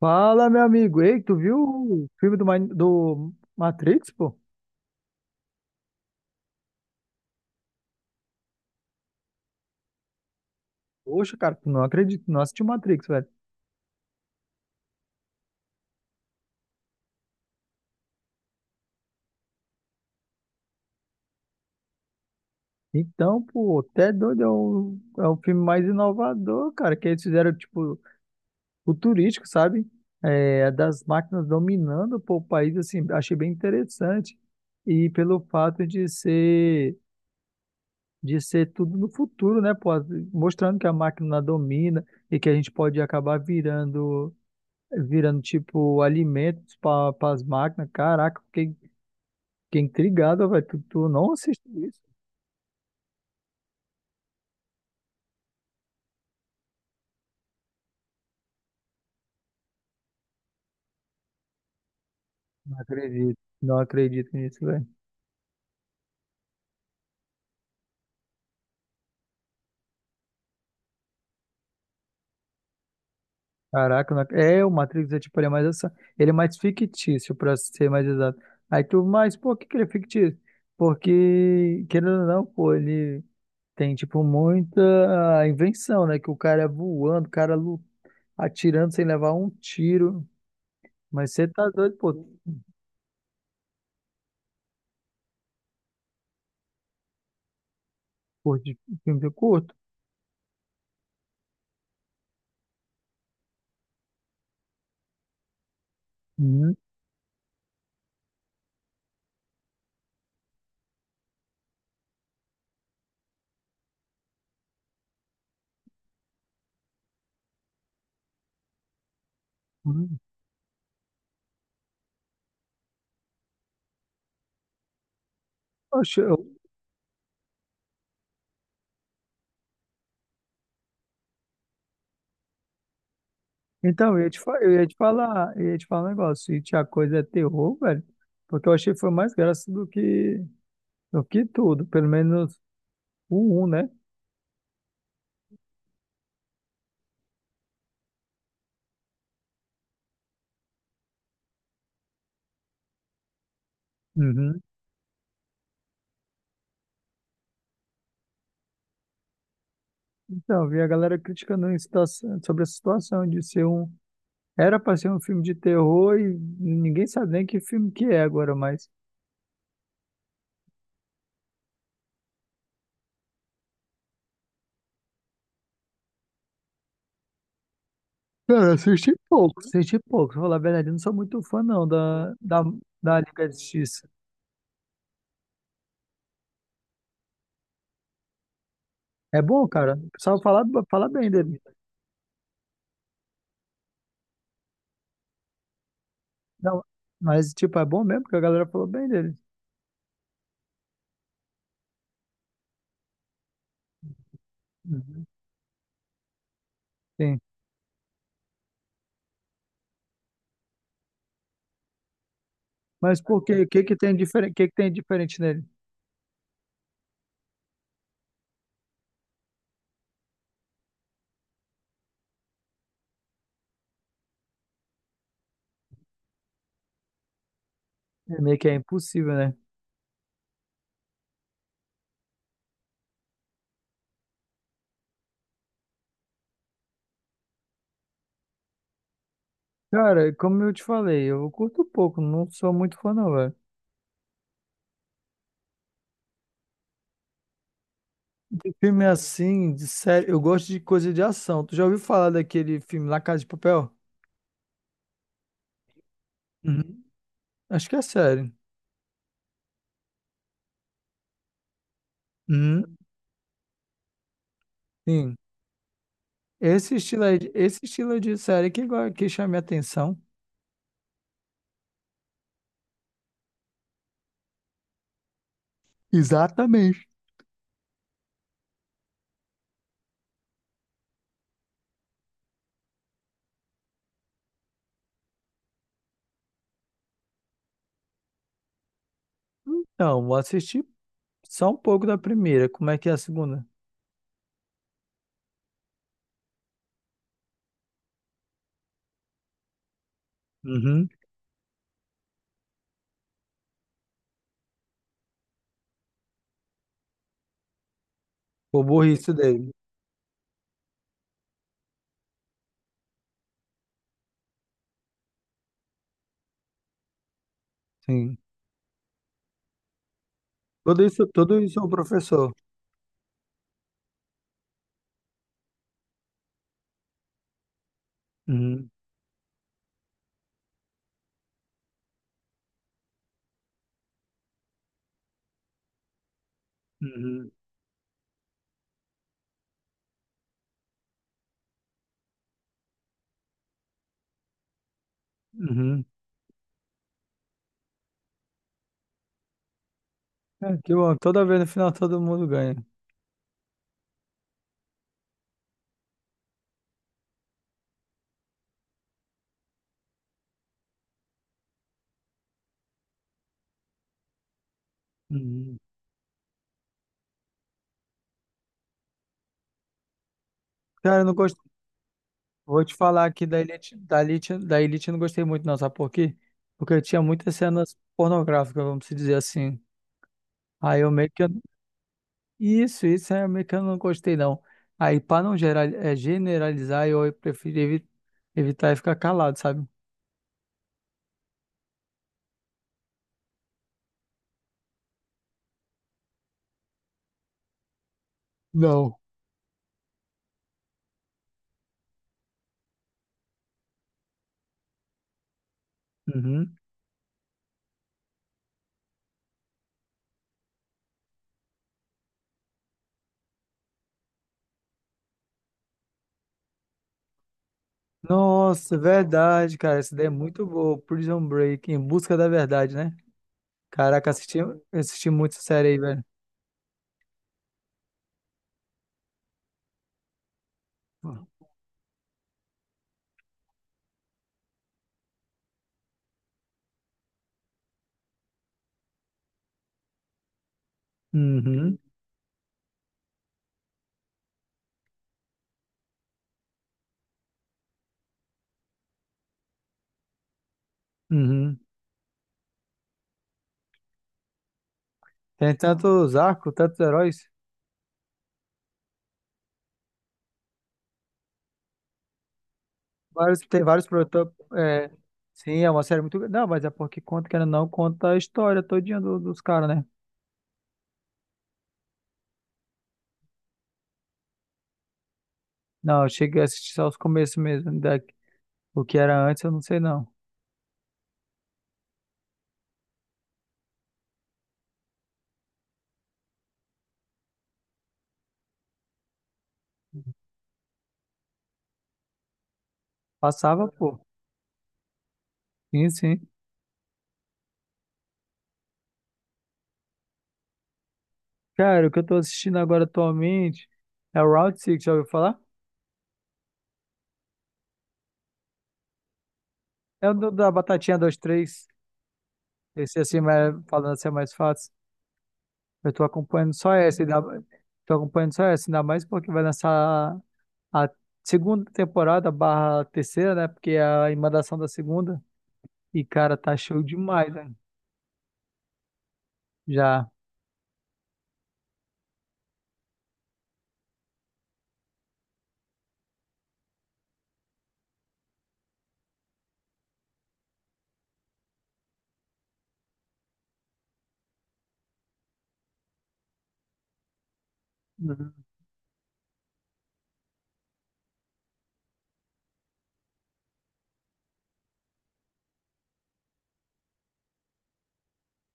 Fala, meu amigo. Ei, tu viu o filme do, Ma- do Matrix, pô? Poxa, cara, tu não acredito, não assisti o Matrix, velho. Então, pô, até doido, é o filme mais inovador, cara, que eles fizeram, tipo, futurístico, sabe? É, é das máquinas dominando, pô, o país, assim, achei bem interessante. E pelo fato de ser tudo no futuro, né, pô? Mostrando que a máquina domina e que a gente pode acabar virando tipo alimentos para as máquinas. Caraca, fiquei, fiquei intrigado, velho. Tu não assistiu isso? Não acredito, não acredito nisso, velho. Caraca, não ac- é, o Matrix é tipo, ele é mais essa, ele é mais fictício, para ser mais exato. Aí tu, mas por que que ele é fictício? Porque, querendo ou não, pô, ele tem tipo muita invenção, né? Que o cara é voando, o cara lu- atirando sem levar um tiro. Mas você tá doido, pô, curte filme curto? Uhum. Poxa, eu- então, eu ia te falar um negócio. Se a coisa é terror, velho, porque eu achei que foi mais graça do que tudo, pelo menos o um né? Uhum. Então, eu vi a galera criticando em situação- sobre a situação de ser um. Era pra ser um filme de terror e ninguém sabe nem que filme que é agora, mas. Cara, eu assisti pouco. Assisti pouco, pra falar a verdade, eu não sou muito fã não da Liga da Justiça. É bom, cara. O pessoal fala, fala bem dele. Não, mas tipo, é bom mesmo porque a galera falou bem dele. Uhum. Sim. Mas por quê? O que que tem diferente nele? É meio que é impossível, né? Cara, como eu te falei, eu curto pouco, não sou muito fã não, velho. De filme assim, de série, eu gosto de coisa de ação. Tu já ouviu falar daquele filme La Casa de Papel? Uhum. Acho que é série. Uhum. Sim. Esse estilo aí, de- esse estilo de série que, go- que chama minha atenção. Exatamente. Então, vou assistir só um pouco da primeira. Como é que é a segunda? Uhum. Por burrice dele, sim. Tudo isso é o professor. Uhum, uhum, uhum. É, que bom, toda vez no final todo mundo ganha. Uhum. Cara, eu não gosto. Vou te falar aqui da Elite eu não gostei muito, não, sabe por quê? Porque tinha muitas cenas pornográficas, vamos dizer assim. Aí eu meio que. Isso é meio que eu não gostei, não. Aí, pra não geral, é, generalizar, eu prefiro evi- evitar e ficar calado, sabe? Não. Uhum. Nossa, verdade, cara. Essa ideia é muito boa. Prison Break, Em Busca da Verdade, né? Caraca, assisti, assisti muito essa série aí, velho. Uhum, uhum. Tem tantos arcos, tantos heróis. Vários, tem vários produtores. É, sim, é uma série muito. Não, mas é porque conta, querendo ou não, conta a história todinha do- dos caras, né? Não, eu cheguei a assistir só os começos mesmo. Da, o que era antes, eu não sei não. Passava, pô. Sim, sim. Cara, o que eu tô assistindo agora atualmente é o Round Six já ouviu falar? É o do- da Batatinha 2, 3. Esse assim, mas falando assim é mais fácil. Eu tô acompanhando só essa. Ainda... Tô acompanhando só essa, ainda mais porque vai lançar a segunda temporada barra terceira, né? Porque é a emendação da segunda. E, cara, tá show demais, né? Já. Uhum.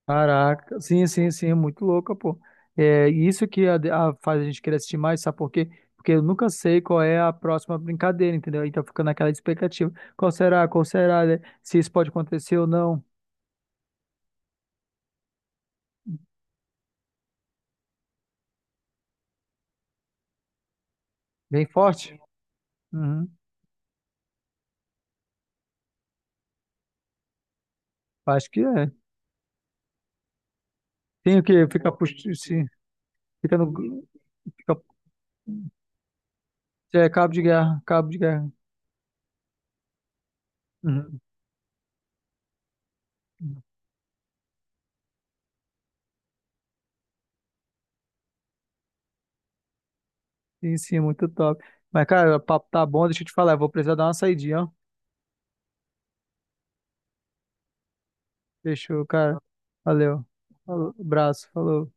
Caraca. Sim, sim, sim. É muito louca, pô. É e isso que faz a gente querer assistir mais, sabe por quê? Porque eu nunca sei qual é a próxima brincadeira, entendeu? Então fica naquela expectativa. Qual será? Qual será, né? Se isso pode acontecer ou não. Bem forte? Uhum. Acho que é. Tem o quê? Fica puxando. Fica no. Fica, é cabo de guerra. Cabo de guerra. Uhum. Sim, sim, muito top. Mas, cara, o papo tá bom, deixa eu te falar. Eu vou precisar dar uma saidinha, ó. Fechou, cara. Valeu. Falou, abraço, falou.